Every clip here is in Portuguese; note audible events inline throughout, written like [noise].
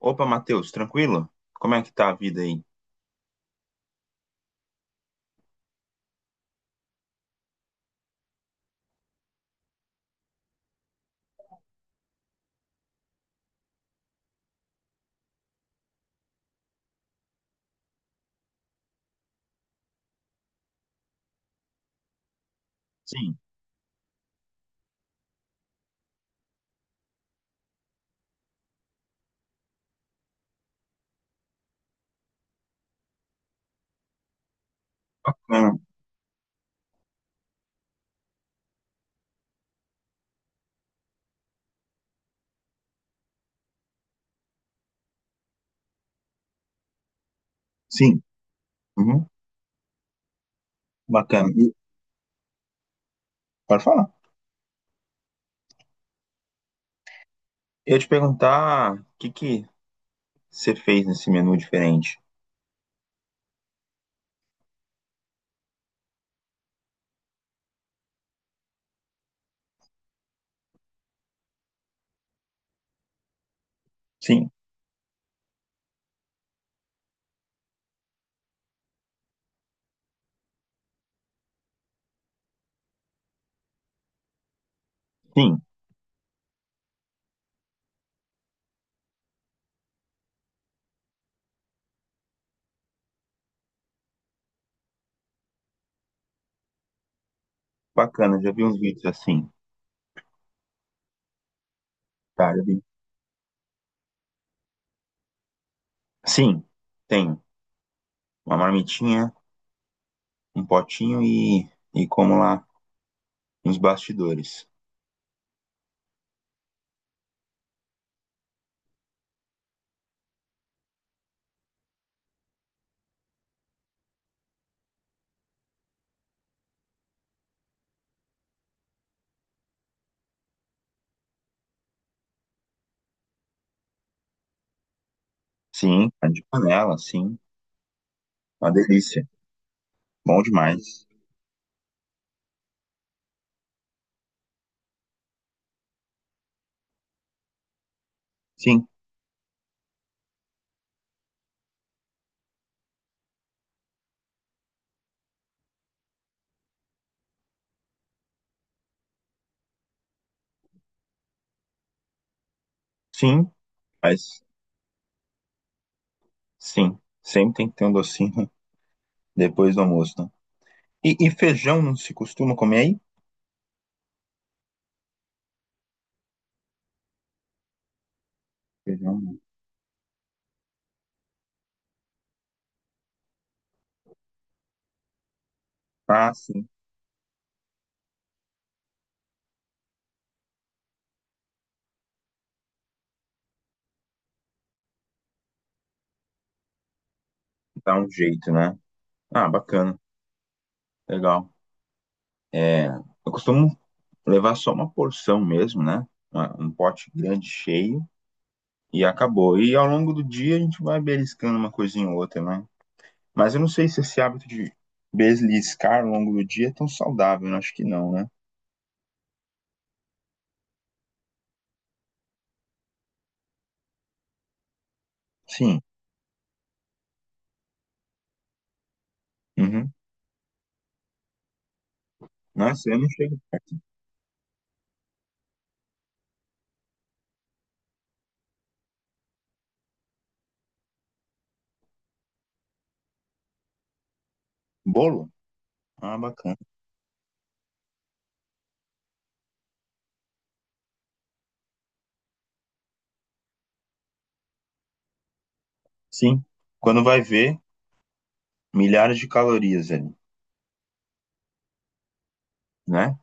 Opa, Matheus, tranquilo? Como é que tá a vida aí? Sim, bacana. Sim, uhum, bacana. E- pode falar. Eu ia te perguntar o que que você fez nesse menu diferente. Sim, sim, bacana. Já vi uns vídeos assim. Tá, já vi. Sim, tem uma marmitinha, um potinho e como lá, uns bastidores. Sim, carne de panela, sim. Uma delícia. Bom demais. Sim, sim, mas sim, sempre tem que ter um docinho [laughs] depois do almoço, né? E feijão não se costuma comer aí? Feijão, né? Ah, sim, dá um jeito, né? Ah, bacana, legal. É, eu costumo levar só uma porção mesmo, né? Uma- um pote grande, cheio, e acabou. E ao longo do dia a gente vai beliscando uma coisinha ou outra, né? Mas eu não sei se esse hábito de beliscar ao longo do dia é tão saudável, eu acho que não, né? Sim. Uhum. Nossa, eu não chego perto. Bolo? Ah, bacana. Sim. Quando vai ver, milhares de calorias ali, né?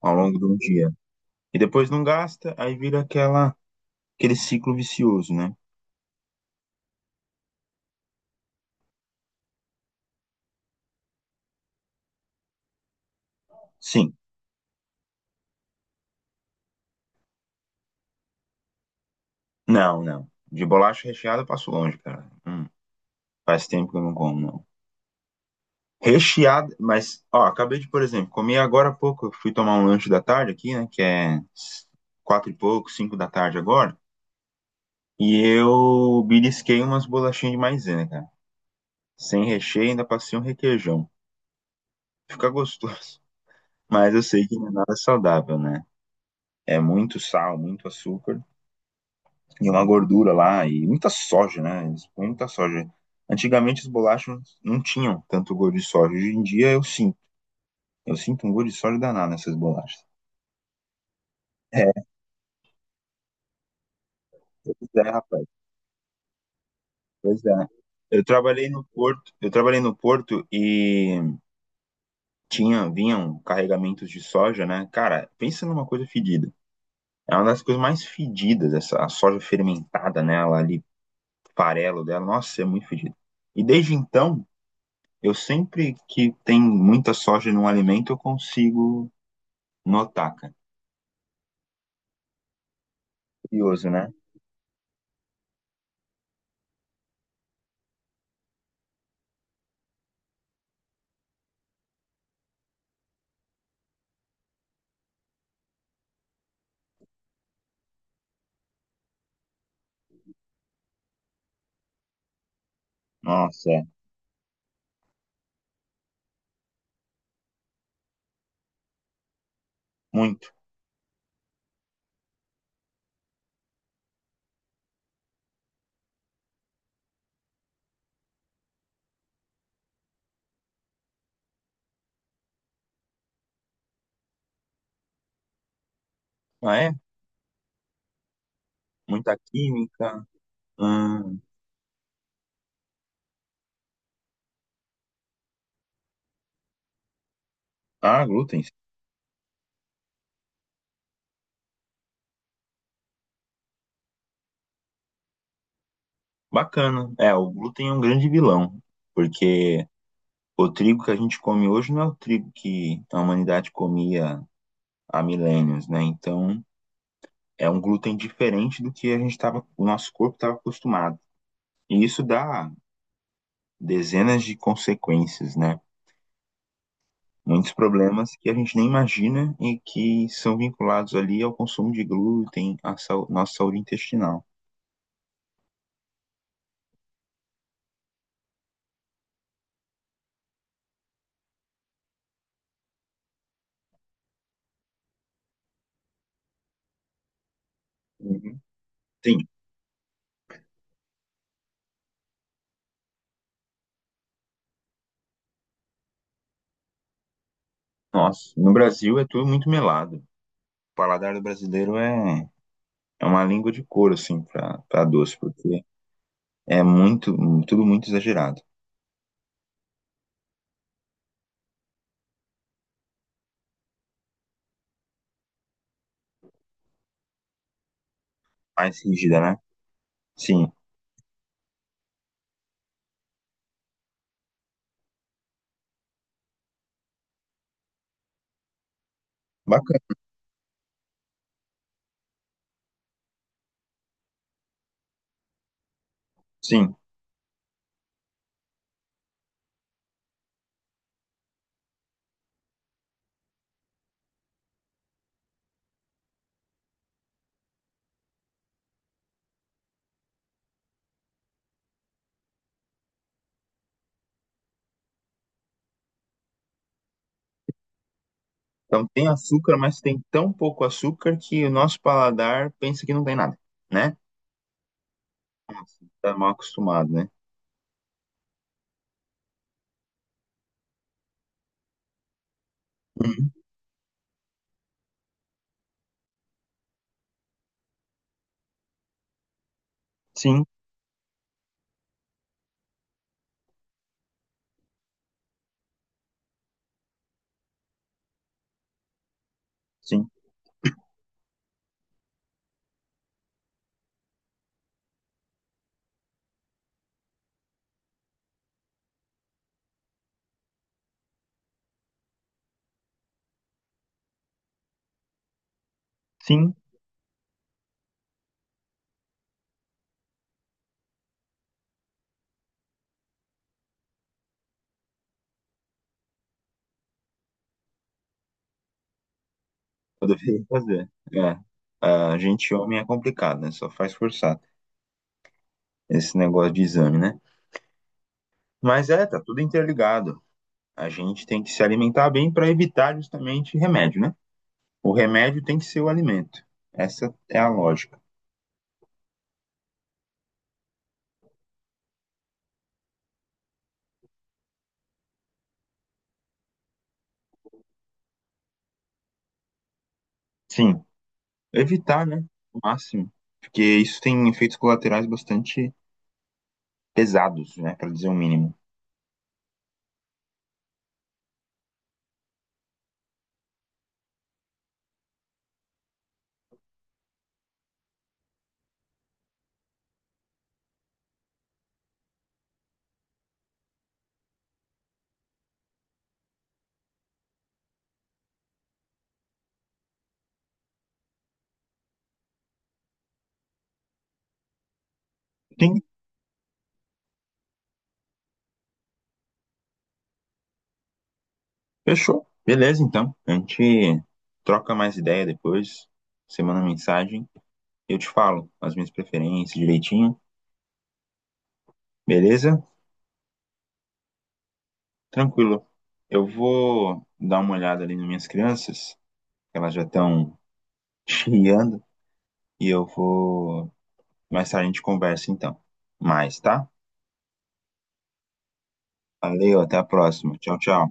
Ao longo do dia. E depois não gasta, aí vira aquela, aquele ciclo vicioso, né? Sim. Não, não. De bolacha recheada eu passo longe, cara. Faz tempo que eu não como, não. Recheada, mas, ó, acabei de, por exemplo, comer agora há pouco. Eu fui tomar um lanche da tarde aqui, né? Que é quatro e pouco, cinco da tarde agora. E eu belisquei umas bolachinhas de maisena, cara. Sem recheio, ainda passei um requeijão. Fica gostoso. [laughs] Mas eu sei que não é nada saudável, né? É muito sal, muito açúcar, e uma gordura lá, e muita soja, né? Eles põem muita soja. Antigamente as bolachas não tinham tanto gosto de soja. Hoje em dia eu sinto. Eu sinto um gosto de soja danado nessas bolachas. É, pois é, rapaz. Pois é. Eu trabalhei no porto, eu trabalhei no porto e tinha, vinham carregamentos de soja, né? Cara, pensa numa coisa fedida. É uma das coisas mais fedidas, essa a soja fermentada, né? Ela ali, farelo dela, nossa, é muito fedido. E desde então, eu sempre que tem muita soja num alimento, eu consigo notar, cara. Curioso, né? Nossa, é. Muito. Ah, é? Muita química. Hum. Ah, glúten. Bacana. É, o glúten é um grande vilão, porque o trigo que a gente come hoje não é o trigo que a humanidade comia há milênios, né? Então, é um glúten diferente do que a gente tava, o nosso corpo estava acostumado. E isso dá dezenas de consequências, né? Muitos problemas que a gente nem imagina e que são vinculados ali ao consumo de glúten, à sau- nossa saúde intestinal. Uhum. Sim, nossa, no Brasil é tudo muito melado. O paladar do brasileiro é, é uma língua de couro, assim, para para doce, porque é muito, tudo muito exagerado. Mais rígida, né? Sim, bacana, sim. Então tem açúcar, mas tem tão pouco açúcar que o nosso paladar pensa que não tem nada, né? Nossa, tá mal acostumado, né? Uhum. Sim, sim. Sim, eu deveria fazer. É. A gente homem é complicado, né? Só faz forçar esse negócio de exame, né? Mas é, tá tudo interligado. A gente tem que se alimentar bem para evitar justamente remédio, né? O remédio tem que ser o alimento. Essa é a lógica. Sim, evitar, né? O máximo. Porque isso tem efeitos colaterais bastante pesados, né? Para dizer o mínimo. Sim, fechou. Beleza, então. A gente troca mais ideia depois. Você manda mensagem. Eu te falo as minhas preferências direitinho, beleza? Tranquilo. Eu vou dar uma olhada ali nas minhas crianças, que elas já estão [laughs] chiando, e eu vou. Mais tarde a gente conversa então. Mais, tá? Valeu, até a próxima. Tchau, tchau.